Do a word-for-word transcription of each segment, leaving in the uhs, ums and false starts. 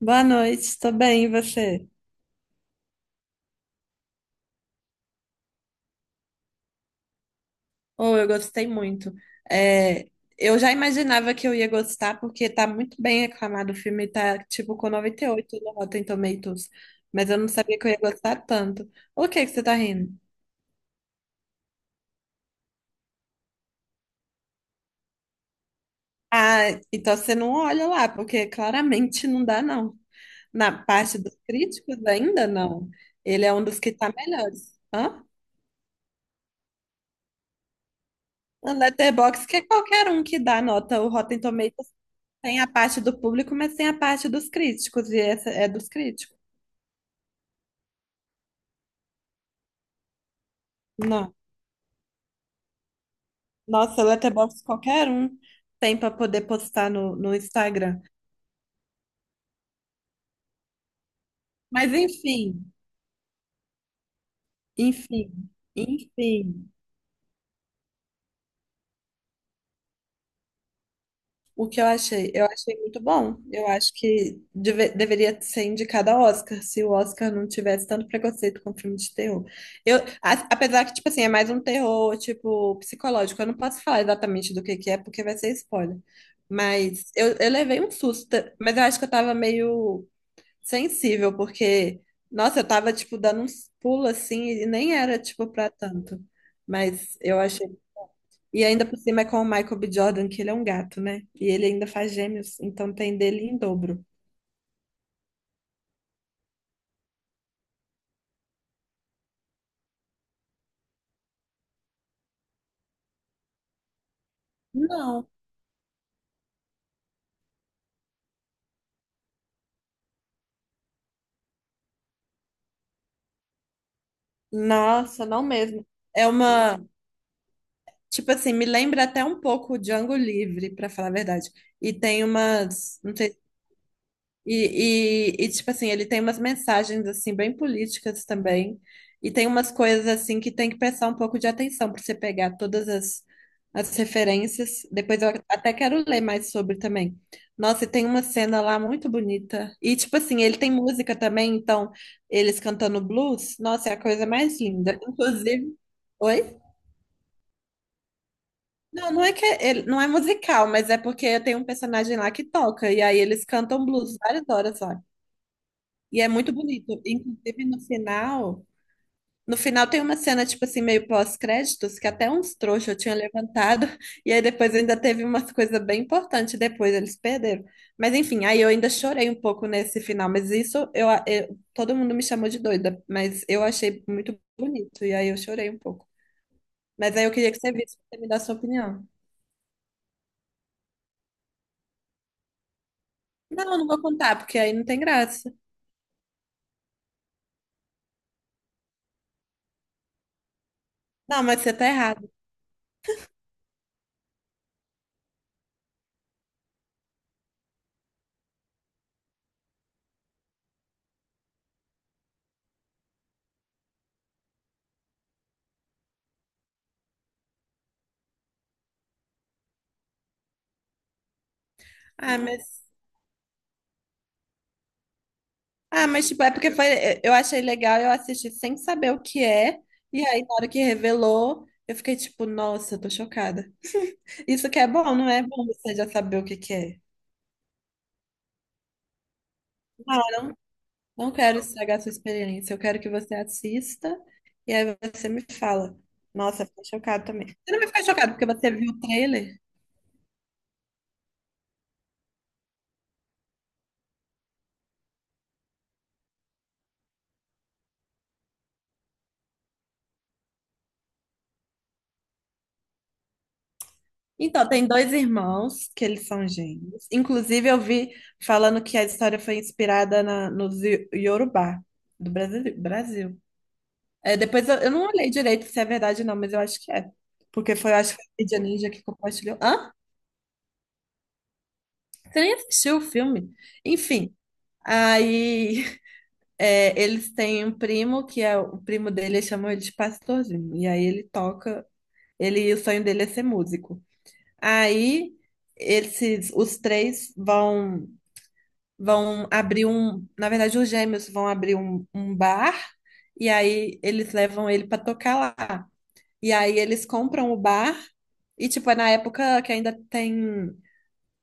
Boa noite, tô bem, e você? Oh, eu gostei muito. É, eu já imaginava que eu ia gostar, porque tá muito bem aclamado o filme, tá tipo com noventa e oito no Rotten Tomatoes, mas eu não sabia que eu ia gostar tanto. O que que você tá rindo? Ah, então você não olha lá, porque claramente não dá, não. Na parte dos críticos ainda não. Ele é um dos que tá melhores. Hã? O Letterboxd, que é qualquer um que dá nota, o Rotten Tomatoes. Tem a parte do público, mas tem a parte dos críticos, e essa é dos críticos. Não. Nossa, Letterboxd qualquer um tem para poder postar no, no Instagram. Mas enfim, enfim, enfim. O que eu achei? Eu achei muito bom. Eu acho que deve- deveria ser indicado ao Oscar, se o Oscar não tivesse tanto preconceito com filme de terror. Eu, a- apesar que, tipo assim, é mais um terror, tipo, psicológico. Eu não posso falar exatamente do que que é, porque vai ser spoiler. Mas eu, eu levei um susto, mas eu acho que eu tava meio sensível, porque, nossa, eu tava, tipo, dando uns pulos, assim, e nem era, tipo, pra tanto. Mas eu achei, e ainda por cima é com o Michael B. Jordan, que ele é um gato, né? E ele ainda faz gêmeos, então tem dele em dobro. Não. Nossa, não mesmo. É uma, tipo assim, me lembra até um pouco o Django Livre, pra falar a verdade. E tem umas, não sei. E, e, e, tipo assim, ele tem umas mensagens, assim, bem políticas também. E tem umas coisas, assim, que tem que prestar um pouco de atenção para você pegar todas as, as referências. Depois eu até quero ler mais sobre também. Nossa, e tem uma cena lá muito bonita. E, tipo assim, ele tem música também, então, eles cantando blues, nossa, é a coisa mais linda. Inclusive. Oi? Não, não é que é- ele, não é musical, mas é porque tem um personagem lá que toca, e aí eles cantam blues várias horas lá. E é muito bonito. Inclusive, no final, no final tem uma cena, tipo assim, meio pós-créditos, que até uns trouxas eu tinha levantado, e aí depois ainda teve umas coisas bem importantes, depois eles perderam. Mas enfim, aí eu ainda chorei um pouco nesse final, mas isso eu, eu- todo mundo me chamou de doida, mas eu achei muito bonito, e aí eu chorei um pouco. Mas aí eu queria que você visse pra você me dar a sua opinião. Não, eu não vou contar, porque aí não tem graça. Não, mas você tá errado. Ah, mas Ah, mas tipo, é porque foi, eh, eu achei legal, eu assisti sem saber o que é, e aí na hora que revelou, eu fiquei tipo, nossa, eu tô chocada. Isso que é bom, não é bom você já saber o que que é. Ah, não quero estragar a sua experiência, eu quero que você assista, e aí você me fala. Nossa, eu fiquei chocada também. Você não vai ficar chocado porque você viu o trailer? Então, tem dois irmãos que eles são gêmeos. Inclusive, eu vi falando que a história foi inspirada na, nos Yo- Yorubá, do Brasil. Brasil. É, depois eu, eu não olhei direito se é verdade ou não, mas eu acho que é. Porque foi, eu acho que foi a Mídia Ninja que compartilhou. Hã? Você nem assistiu o filme? Enfim. Aí é, eles têm um primo que é o primo dele, eles chamam ele de pastorzinho. E aí ele toca, ele, o sonho dele é ser músico. Aí esses, os três vão vão abrir um, na verdade os gêmeos vão abrir um, um bar, e aí eles levam ele para tocar lá. E aí eles compram o bar e, tipo, é na época que ainda tem.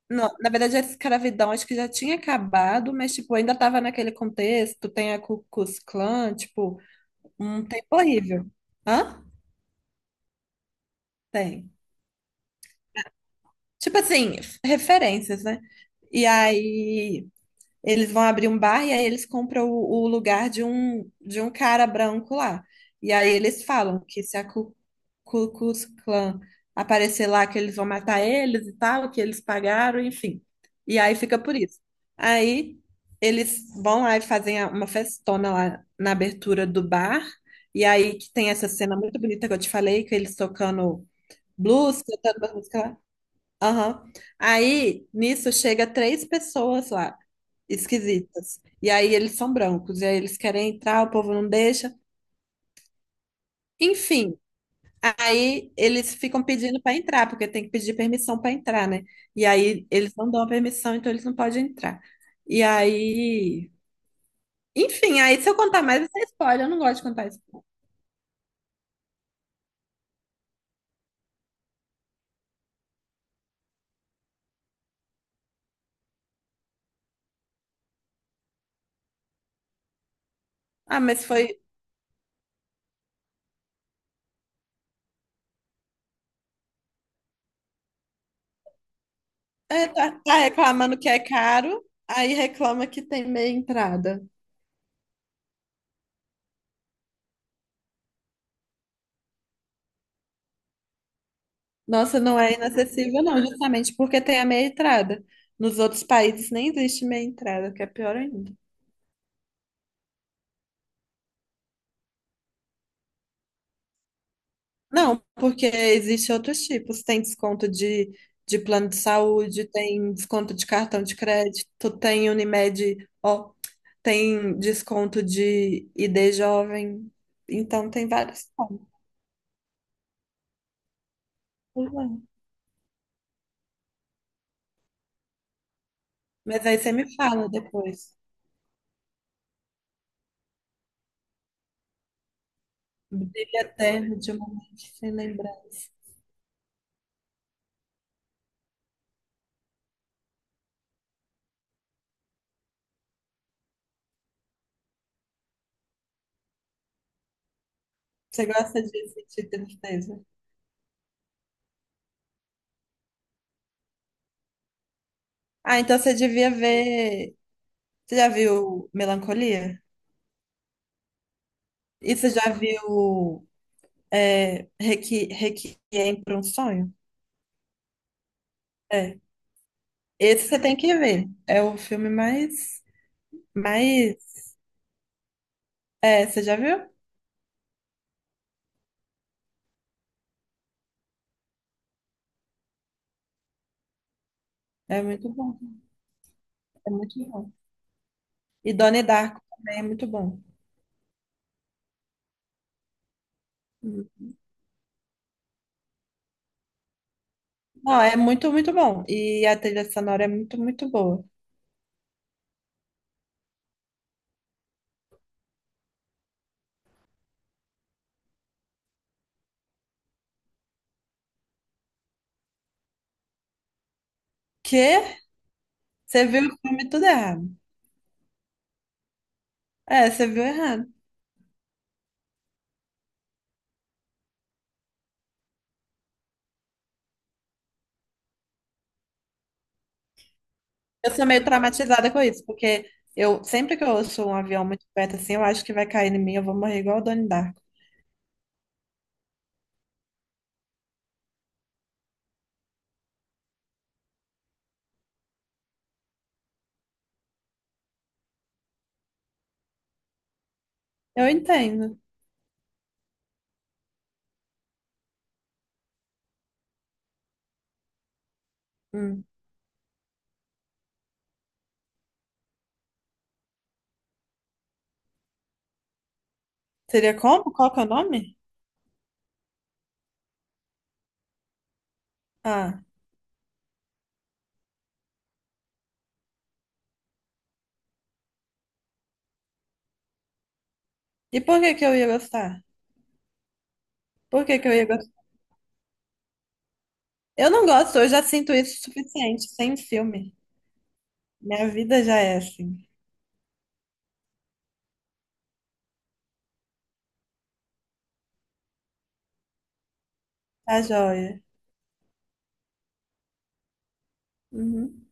Não, na verdade, a escravidão acho que já tinha acabado, mas, tipo, ainda tava naquele contexto. Tem a Ku Klux Klan, tipo, um tempo horrível. Hã? Tem. Tipo assim, referências, né? E aí. Eles vão abrir um bar e aí eles compram o, o lugar de um, de um cara branco lá. E aí eles falam que se a Ku, Ku Klux Klan aparecer lá, que eles vão matar eles e tal, que eles pagaram, enfim. E aí fica por isso. Aí eles vão lá e fazem a- uma festona lá na abertura do bar. E aí que tem essa cena muito bonita que eu te falei, que eles tocando blues, cantando uma música lá. Aham. Aí, nisso, chega três pessoas lá esquisitas. E aí eles são brancos, e aí eles querem entrar, o povo não deixa. Enfim, aí eles ficam pedindo para entrar, porque tem que pedir permissão para entrar, né? E aí eles não dão a permissão, então eles não podem entrar. E aí, enfim, aí se eu contar mais, isso é spoiler, eu não gosto de contar spoiler. Ah, mas foi. É, tá, tá reclamando que é caro, aí reclama que tem meia entrada. Nossa, não é inacessível, não, justamente porque tem a meia entrada. Nos outros países nem existe meia entrada, que é pior ainda. Não, porque existem outros tipos. Tem desconto de, de plano de saúde, tem desconto de cartão de crédito, tem Unimed, ó, tem desconto de I D jovem. Então tem vários pontos. Né? Mas aí você me fala depois. Brilho eterno de um momento sem lembrança. Você gosta de sentir tristeza? Ah, então você devia ver. Você já viu Melancolia? E você já viu, é, Requi- Requiem para um Sonho. É. Esse você tem que ver. É o filme mais, mais, é, você já viu? É muito bom. É muito bom. E Donnie Darko também é muito bom. Hum. Não, é muito, muito bom. E a trilha sonora é muito, muito boa. Que? Você viu o filme tudo errado. É, você viu errado. Eu sou meio traumatizada com isso, porque eu sempre que eu ouço um avião muito perto assim, eu acho que vai cair em mim, eu vou morrer igual o Donnie Darko. Eu entendo. Hum. Seria como? Qual que é o nome? Ah, e por que que eu ia gostar? Por que que eu ia gostar? Eu não gosto, eu já sinto isso o suficiente, sem filme. Minha vida já é assim. Tá joia. Uhum.